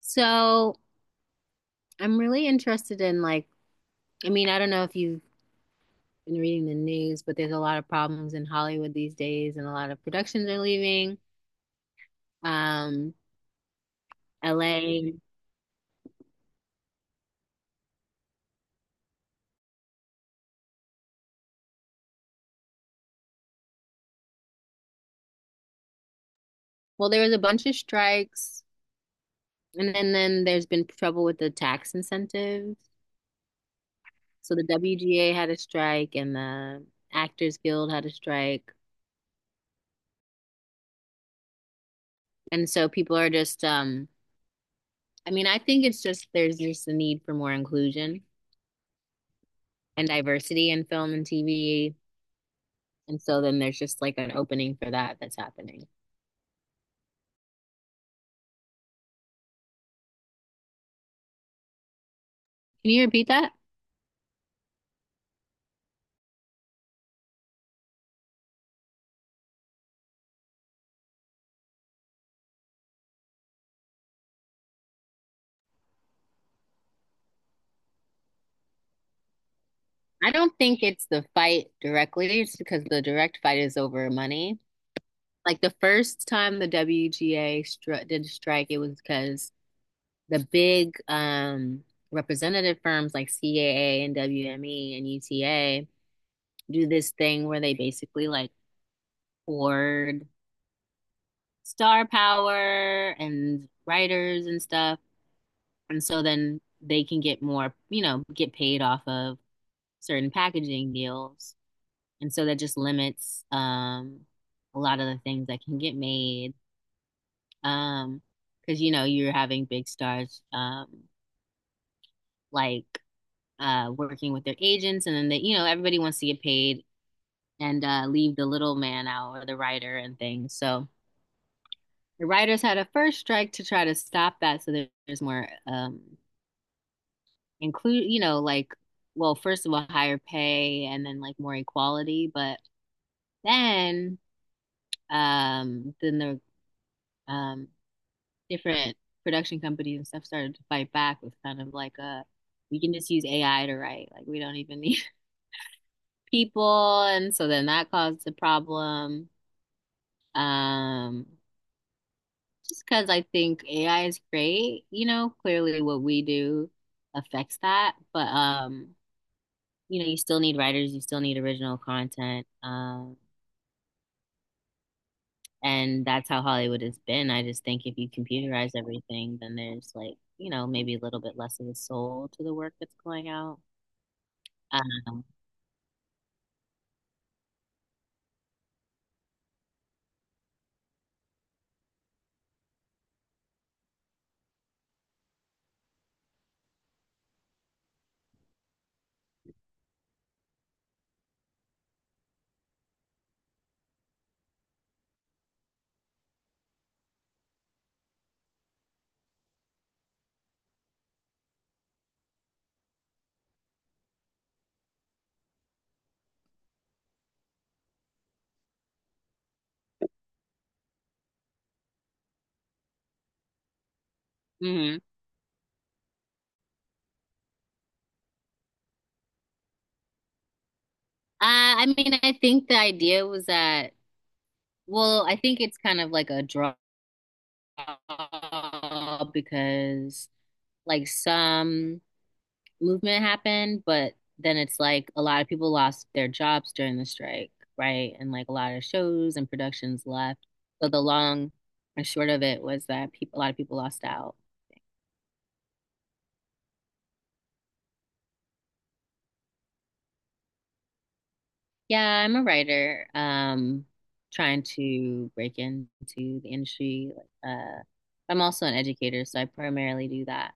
So I'm really interested in like, I mean, I don't know if you've been reading the news, but there's a lot of problems in Hollywood these days, and a lot of productions are leaving. Um, LA. Well, there was a bunch of strikes, and then there's been trouble with the tax incentives. So the WGA had a strike, and the Actors Guild had a strike. And so people are just I mean, I think it's just there's just a need for more inclusion and diversity in film and TV. And so then there's just like an opening for that that's happening. Can you repeat that? I don't think it's the fight directly. It's because the direct fight is over money. Like the first time the WGA did strike, it was because the big representative firms like CAA and WME and UTA do this thing where they basically like hoard star power and writers and stuff. And so then they can get more, you know, get paid off of certain packaging deals. And so that just limits a lot of the things that can get made. Um, because you know, you're having big stars like working with their agents and then they, you know, everybody wants to get paid and leave the little man out or the writer and things. So the writers had a first strike to try to stop that so there's more you know, like, well, first of all, higher pay and then like more equality, but then then the um different production companies and stuff started to fight back with kind of like a we can just use AI to write. Like we don't even need people. And so then that caused a problem. Um just because I think AI is great, you know, clearly what we do affects that. But you know, you still need writers, you still need original content. And that's how Hollywood has been. I just think if you computerize everything, then there's like, you know, maybe a little bit less of a soul to the work that's going out. Um, mhm. I mean, I think the idea was that, well, I think it's kind of like a draw because like some movement happened, but then it's like a lot of people lost their jobs during the strike, right? And like a lot of shows and productions left. So the long and short of it was that peop a lot of people lost out. Yeah, I'm a writer, trying to break into the industry. Like, I'm also an educator, so I primarily do that.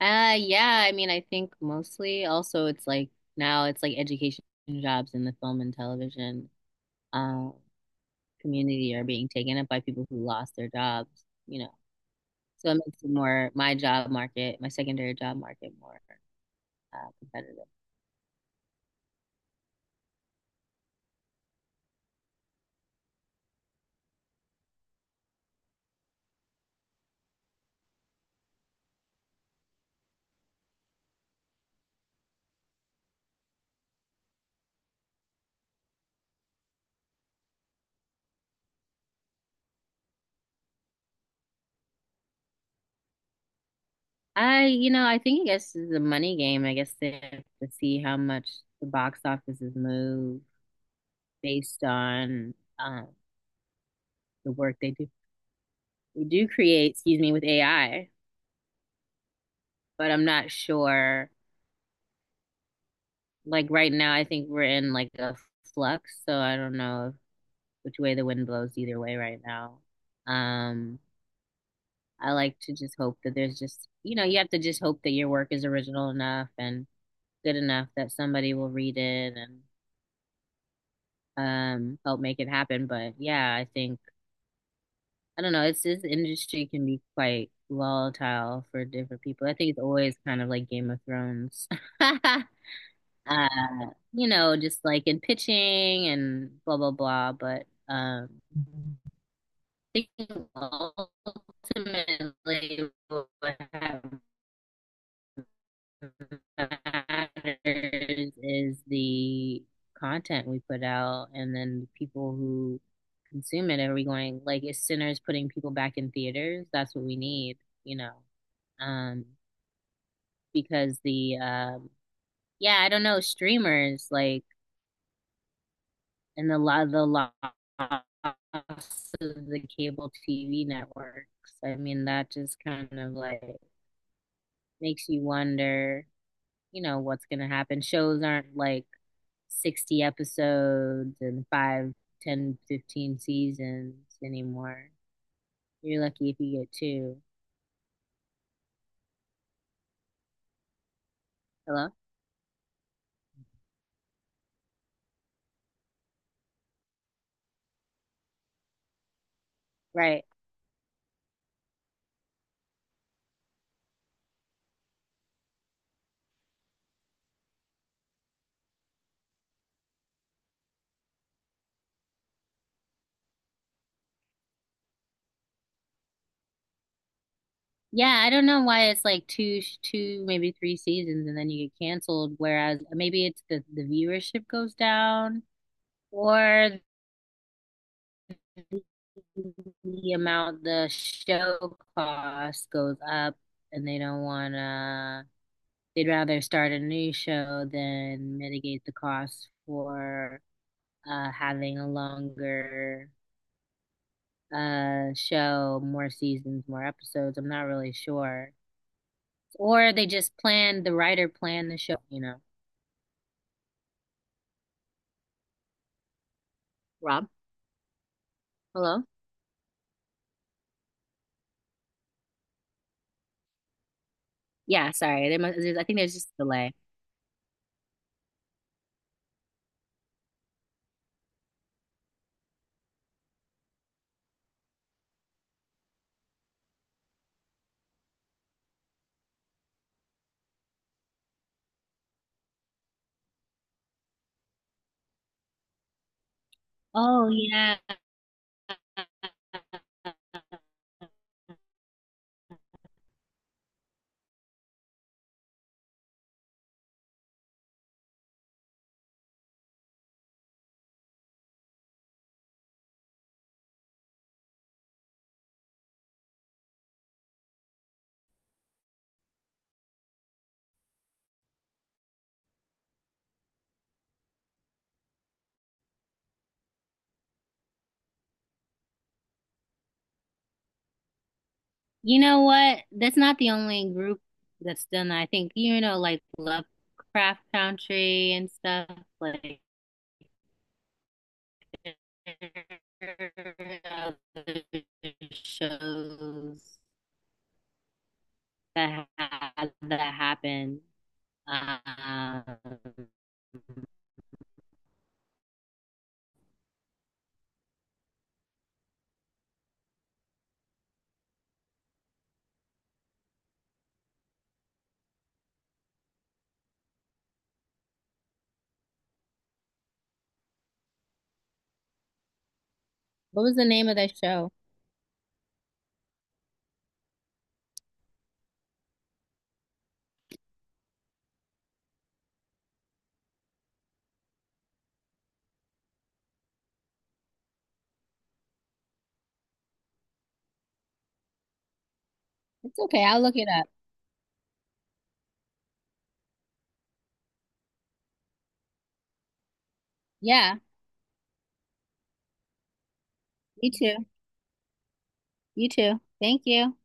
Yeah, I mean, I think mostly also it's like now it's like education jobs in the film and television. Um, community are being taken up by people who lost their jobs. So it makes it more my job market, my secondary job market more competitive. I think I guess it's a money game. I guess they have to see how much the box offices move based on um, the work they do. We do create, excuse me, with AI. But I'm not sure. Like right now, I think we're in like a flux, so I don't know which way the wind blows either way right now. Um, I like to just hope that there's just, you know, you have to just hope that your work is original enough and good enough that somebody will read it and help make it happen. But yeah, I think, I don't know, it's this industry can be quite volatile for different people. I think it's always kind of like Game of Thrones. Uh, just like in pitching and blah blah blah, but I think ultimately what happens matters is the content we put out and then the people who consume it. Like, is Sinners putting people back in theaters? That's what we need, you know? Um, because the, yeah, I don't know, streamers, like, and the loss of the cable TV networks. I mean, that just kind of like makes you wonder what's going to happen. Shows aren't like 60 episodes and five, 10, 15 seasons anymore. You're lucky if you get two. Hello? Right. Yeah, I don't know why it's like two, two, maybe three seasons and then you get canceled, whereas maybe it's the viewership goes down or the, the amount the show cost goes up and they don't want to, they'd rather start a new show than mitigate the cost for having a longer show, more seasons, more episodes. I'm not really sure. Or they just planned, the writer planned the show. Rob, hello? Yeah, sorry. There must, I think there's just a delay. Oh, yeah. You know what? That's not the only group that's done that. I think, like Lovecraft Country and stuff, like other shows that had that happened. Um, what was the name of that show? It's okay. I'll look it up. Yeah, you too. You too. Thank you.